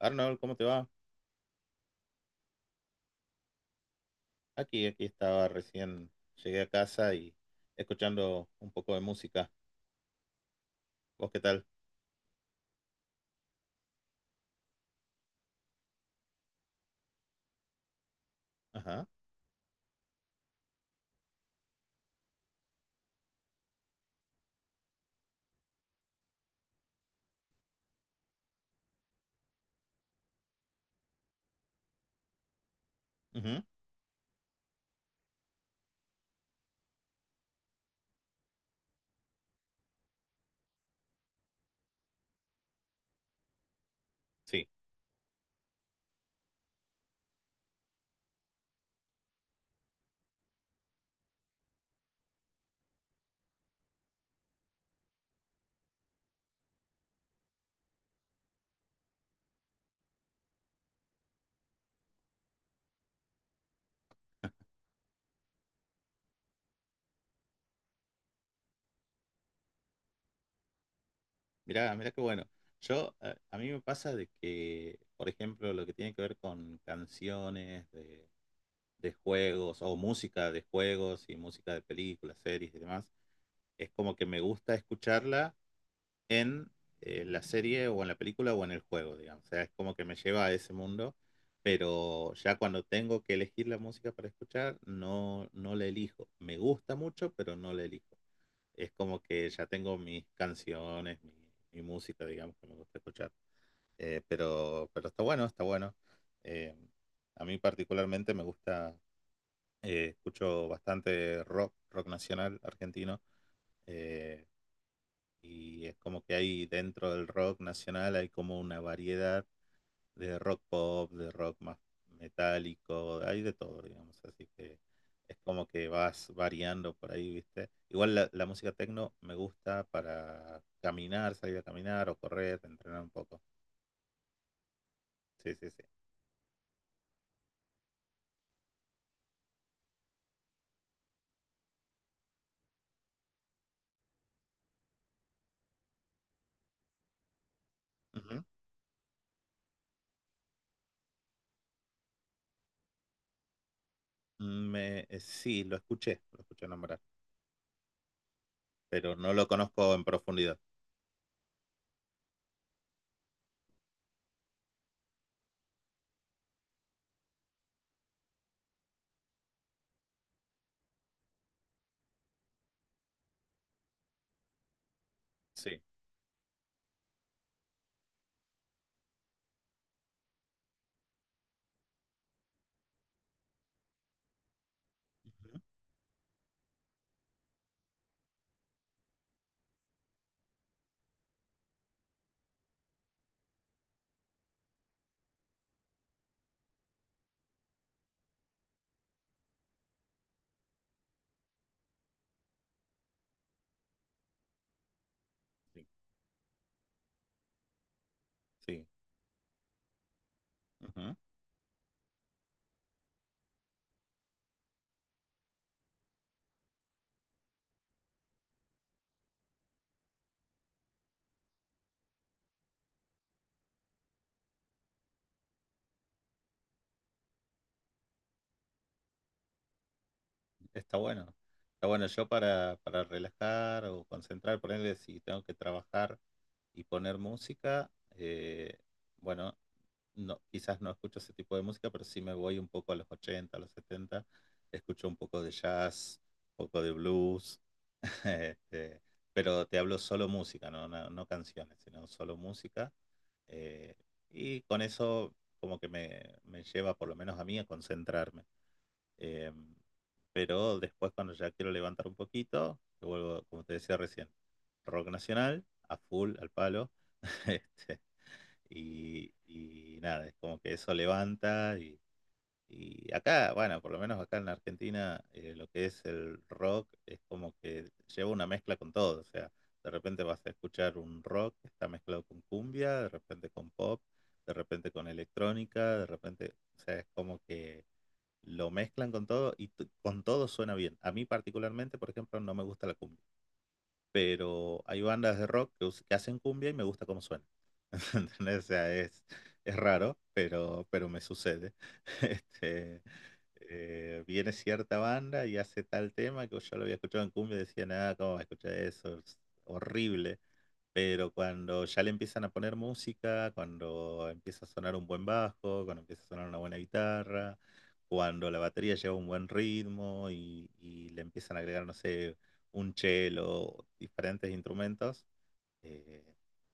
Arnold, ¿cómo te va? Aquí estaba recién, llegué a casa y escuchando un poco de música. ¿Vos qué tal? Ajá. Ujú. Sí. Mirá, mirá qué bueno. Yo, a mí me pasa de que, por ejemplo, lo que tiene que ver con canciones de juegos o música de juegos y música de películas, series y demás, es como que me gusta escucharla, en la serie o en la película o en el juego, digamos. O sea, es como que me lleva a ese mundo, pero ya cuando tengo que elegir la música para escuchar, no, no la elijo. Me gusta mucho, pero no la elijo. Es como que ya tengo mis canciones, mi música, digamos, que me gusta escuchar. Pero está bueno, está bueno. Eh, a mí particularmente me gusta, escucho bastante rock, rock nacional argentino. Eh, y es como que hay dentro del rock nacional, hay como una variedad de rock pop, de rock más metálico, hay de todo, digamos. Así que es como que vas variando por ahí, ¿viste? Igual la música techno me gusta para caminar, salir a caminar o correr, entrenar un poco. Sí, sí, sí. Ujú. Me, sí, lo escuché nombrar, pero no lo conozco en profundidad. Sí. Ujú. Sí. Sí. Está bueno. Está bueno, yo para relajar o concentrar, ponerle si tengo que trabajar y poner música, eh, bueno, no, quizás no escucho ese tipo de música, pero sí me voy un poco a los 80 a los setenta, escucho un poco de jazz, un poco de blues, este, pero te hablo solo música, no, no, no canciones, sino solo música. eh, y con eso como que me lleva, por lo menos a mí, a concentrarme. Eh, pero después cuando ya quiero levantar un poquito, yo vuelvo, como te decía recién, rock nacional, a full, al palo. Este, y nada, es como que eso levanta y acá, bueno, por lo menos acá en la Argentina, lo que es el rock es como que lleva una mezcla con todo. O sea, de repente vas a escuchar un rock que está mezclado con cumbia, de repente con pop, de repente con electrónica, de repente, o sea, es como que lo mezclan con todo y con todo suena bien. A mí particularmente, por ejemplo, no me gusta la cumbia, pero hay bandas de rock que, que hacen cumbia y me gusta cómo suena. ¿Entendés? O sea, es raro, pero me sucede. Este, viene cierta banda y hace tal tema que yo lo había escuchado en cumbia y decía, nada, ¿cómo va a escuchar eso? Es horrible. Pero cuando ya le empiezan a poner música, cuando empieza a sonar un buen bajo, cuando empieza a sonar una buena guitarra, cuando la batería lleva un buen ritmo y le empiezan a agregar, no sé, un cello, diferentes instrumentos, eh,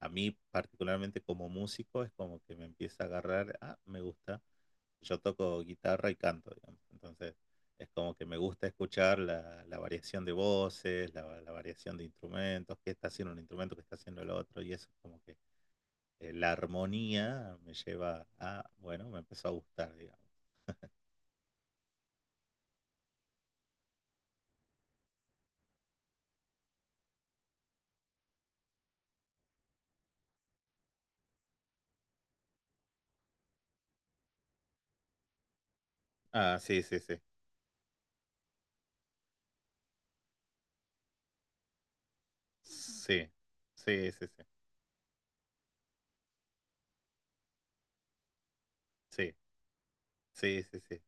a mí particularmente como músico es como que me empieza a agarrar, ah, me gusta, yo toco guitarra y canto, digamos. Entonces es como que me gusta escuchar la variación de voces, la variación de instrumentos, qué está haciendo un instrumento, qué está haciendo el otro, y eso es como que la armonía me lleva a, bueno, me empezó a gustar, digamos. Ah, sí, sí, sí. Sí, sí, sí, sí. Sí, sí, sí, sí.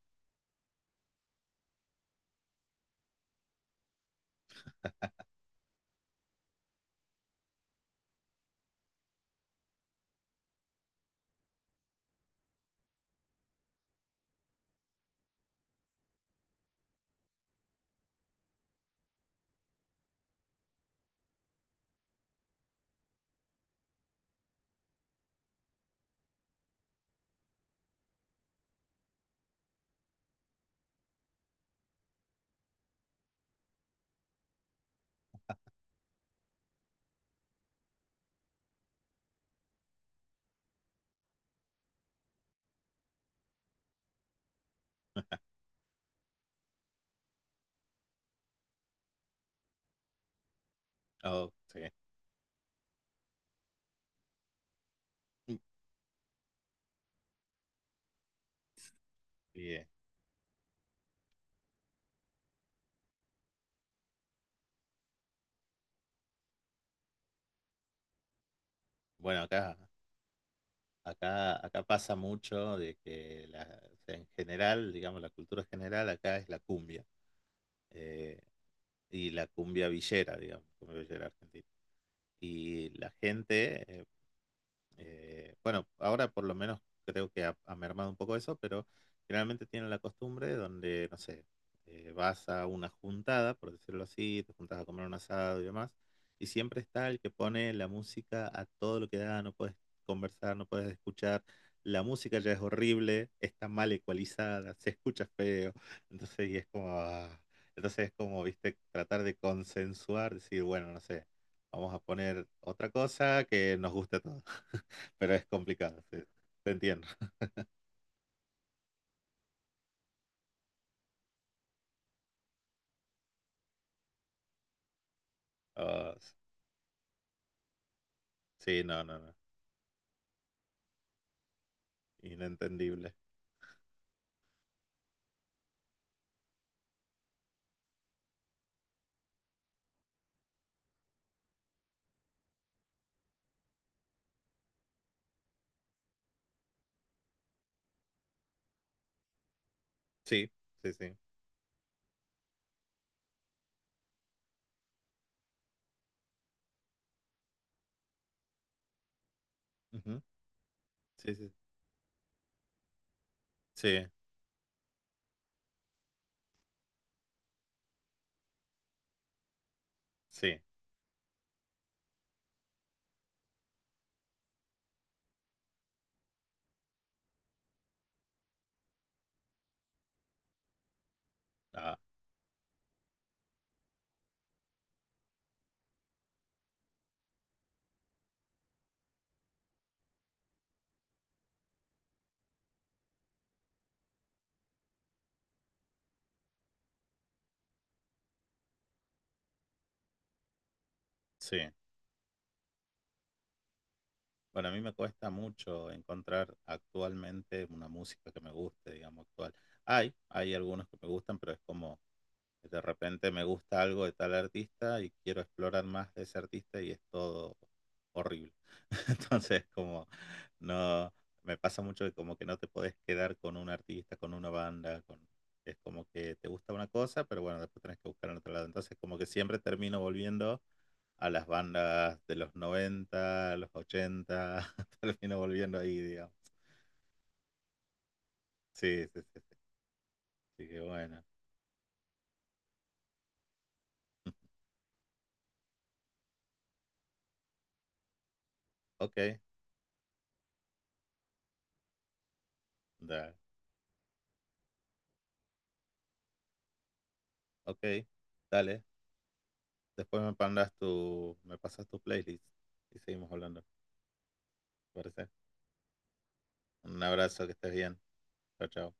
Oh, sí. Bien. Bueno, acá, acá pasa mucho de que en general, digamos, la cultura general acá es la cumbia, eh, y la cumbia villera, digamos, cumbia villera argentina. Y la gente, bueno, ahora por lo menos creo que ha, ha mermado un poco eso, pero generalmente tienen la costumbre donde, no sé, vas a una juntada, por decirlo así, te juntas a comer un asado y demás, y siempre está el que pone la música a todo lo que da, no puedes conversar, no puedes escuchar, la música ya es horrible, está mal ecualizada, se escucha feo, entonces y es como, ah, entonces es como, viste, tratar de consensuar, decir, bueno, no sé, vamos a poner otra cosa que nos guste a todos. Pero es complicado, sí, te entiendo. Ah, sí, no, no, no, inentendible. Sí, sí, sí. Ujú, sí, sí, sí, sí, ah, sí. Bueno, a mí me cuesta mucho encontrar actualmente una música que me guste, digamos, actual. Hay algunos que me gustan, pero es como... De repente me gusta algo de tal artista y quiero explorar más de ese artista y es todo horrible. Entonces, como no, me pasa mucho que como que no te podés quedar con un artista, con una banda, con, es como que te gusta una cosa, pero bueno, después tenés que buscar en otro lado. Entonces, como que siempre termino volviendo a las bandas de los 90 los ochenta, termino volviendo ahí, digamos. Sí, sí, sí. Sí. Así que bueno. Ok, dale. Ok, dale. Después me mandas tu, me pasas tu playlist y seguimos hablando. ¿Te parece? Un abrazo, que estés bien. Chao, chao.